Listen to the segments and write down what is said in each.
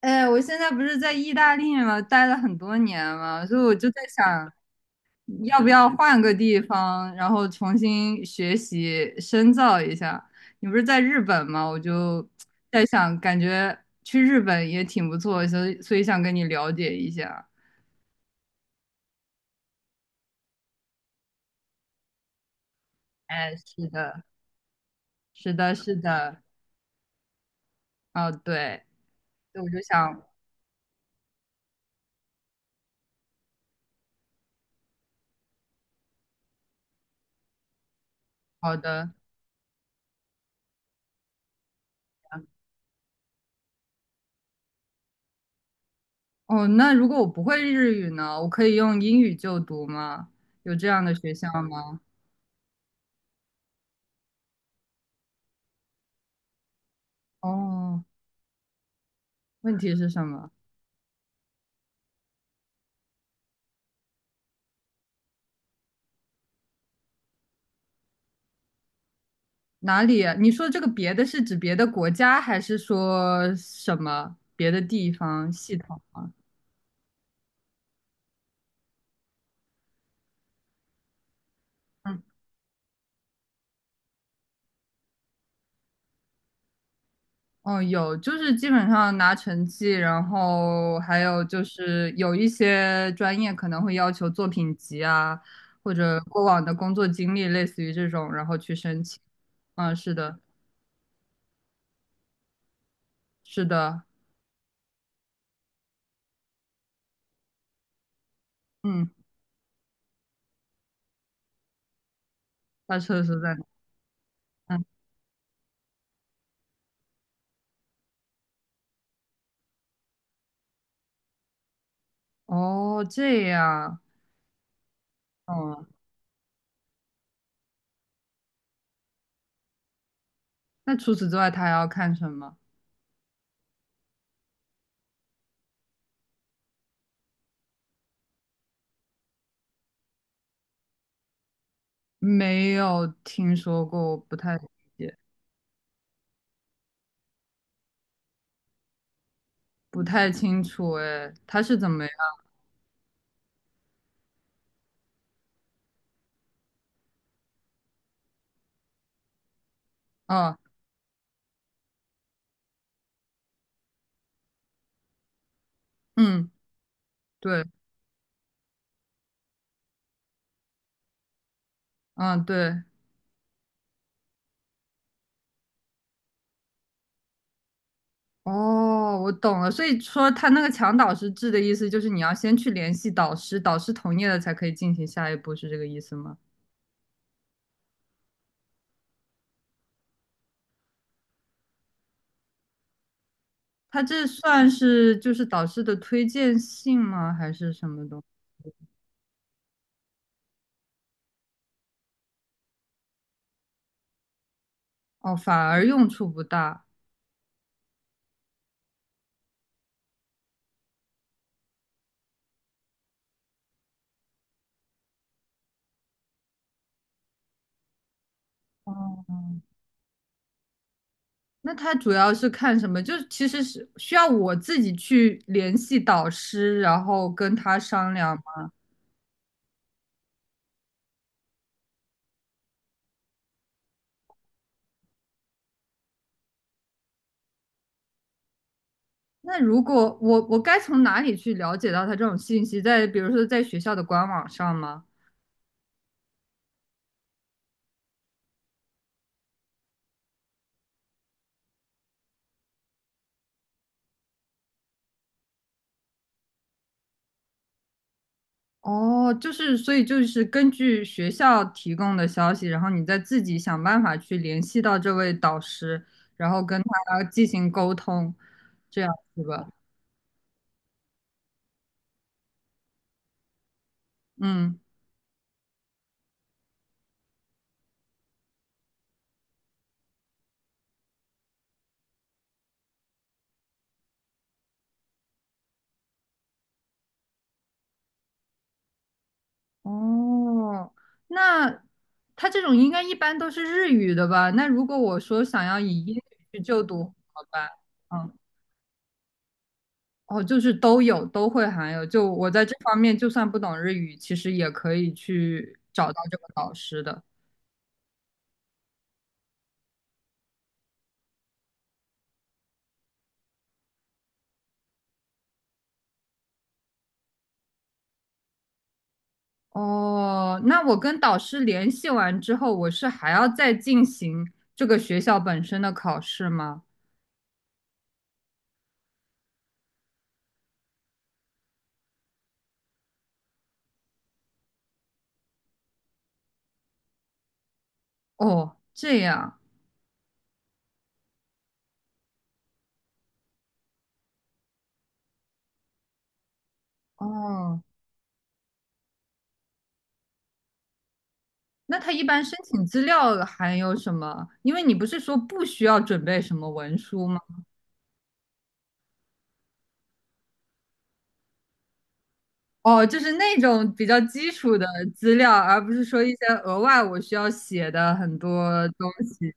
哎，我现在不是在意大利嘛，待了很多年嘛，所以我就在想，要不要换个地方，然后重新学习深造一下。你不是在日本吗？我就在想，感觉去日本也挺不错，所以想跟你了解一下。哎，是的，是的，是的，哦，对，所以我就想，好的，哦，那如果我不会日语呢，我可以用英语就读吗？有这样的学校吗？哦。问题是什么？哪里啊你说这个别的是指别的国家，还是说什么别的地方系统啊？嗯，哦，有，就是基本上拿成绩，然后还有就是有一些专业可能会要求作品集啊，或者过往的工作经历，类似于这种，然后去申请。嗯，是的，是的，嗯，他测试在哪？嗯，哦，这样，哦，那除此之外，他还要看什么？没有听说过，我不太理解，不太清楚。哎，他是怎么样？哦，嗯，对，嗯，对，哦，我懂了。所以说，他那个强导师制的意思就是你要先去联系导师，导师同意了才可以进行下一步，是这个意思吗？他这算是就是导师的推荐信吗？还是什么东西？哦，反而用处不大。哦那他主要是看什么？就是其实是需要我自己去联系导师，然后跟他商量吗那如果我该从哪里去了解到他这种信息？在比如说在学校的官网上吗？哦，就是所以就是根据学校提供的消息，然后你再自己想办法去联系到这位导师，然后跟他进行沟通，这样是吧？嗯。哦，那他这种应该一般都是日语的吧？那如果我说想要以英语去就读，好吧？嗯，哦，就是都有，都会含有。就我在这方面，就算不懂日语，其实也可以去找到这个导师的。哦，那我跟导师联系完之后，我是还要再进行这个学校本身的考试吗？哦，这样。哦，那他一般申请资料还有什么？因为你不是说不需要准备什么文书吗？哦，就是那种比较基础的资料，而不是说一些额外我需要写的很多东西。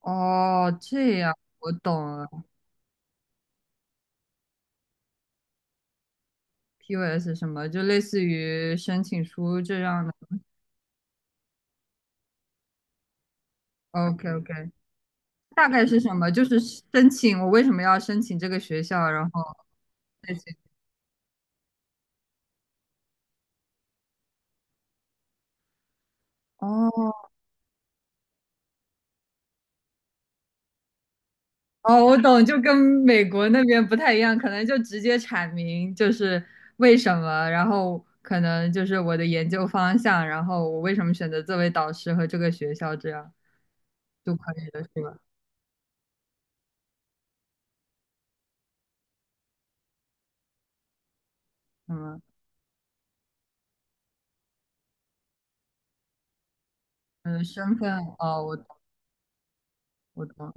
哦，这样我懂了。POS 什么，就类似于申请书这样的。OK OK，大概是什么？就是申请我为什么要申请这个学校，然后类似于哦，哦，我懂，就跟美国那边不太一样，可能就直接阐明就是为什么，然后可能就是我的研究方向，然后我为什么选择这位导师和这个学校，这样就可以了，是吧？嗯嗯，身份哦，我我懂。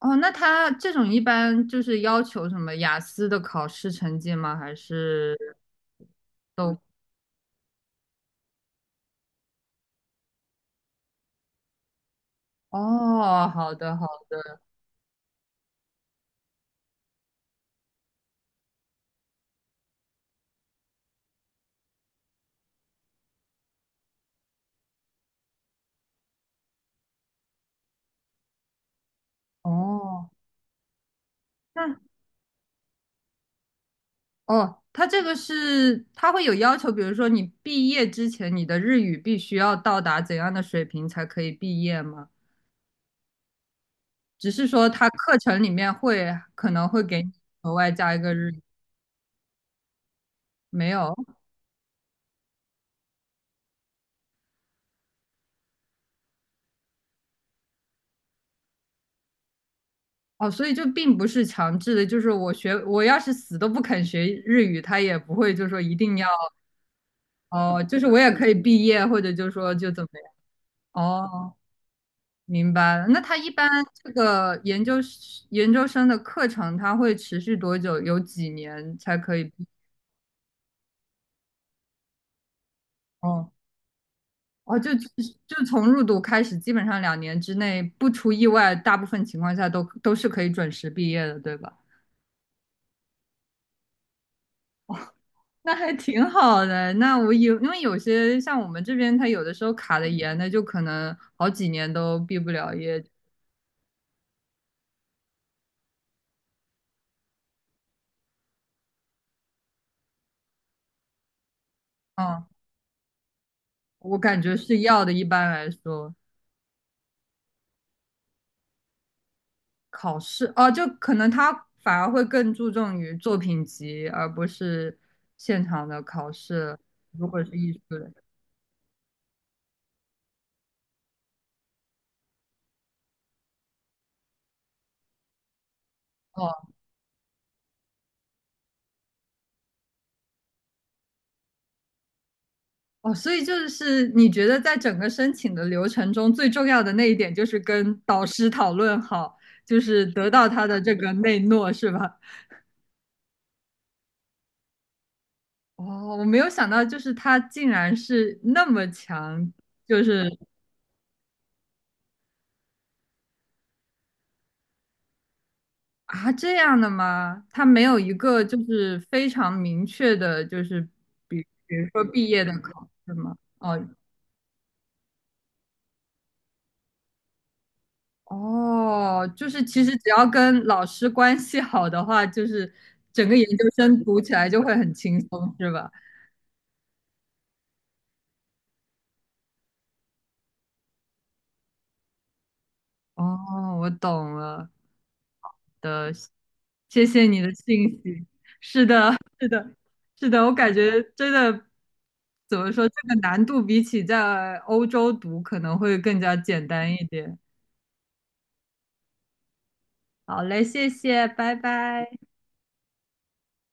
哦，那他这种一般就是要求什么雅思的考试成绩吗？还是都？哦，好的好的。哦，哦，它这个是它会有要求，比如说你毕业之前，你的日语必须要到达怎样的水平才可以毕业吗？只是说它课程里面会可能会给你额外加一个日语，没有哦，所以就并不是强制的，就是我学我要是死都不肯学日语，他也不会就说一定要哦，就是我也可以毕业，或者就说就怎么样哦。明白了。那他一般这个研究生的课程，他会持续多久？有几年才可以毕哦哦，就就从入读开始，基本上2年之内，不出意外，大部分情况下都是可以准时毕业的，对吧？那还挺好的。那我有，因为有些像我们这边，他有的时候卡的严的，就可能好几年都毕不了业。嗯，我感觉是要的，一般来说。考试哦，就可能他反而会更注重于作品集，而不是现场的考试。如果是艺术类，哦哦，所以就是你觉得在整个申请的流程中，最重要的那一点就是跟导师讨论好，就是得到他的这个内诺，是吧？哦，我没有想到，就是他竟然是那么强，就是啊，这样的吗？他没有一个就是非常明确的，就是比如说毕业的考试吗？哦哦，就是其实只要跟老师关系好的话，就是整个研究生读起来就会很轻松，是吧？哦，我懂了的，谢谢你的信息。是的，是的，是的，我感觉真的怎么说，这个难度比起在欧洲读可能会更加简单一点。好嘞，谢谢，拜拜。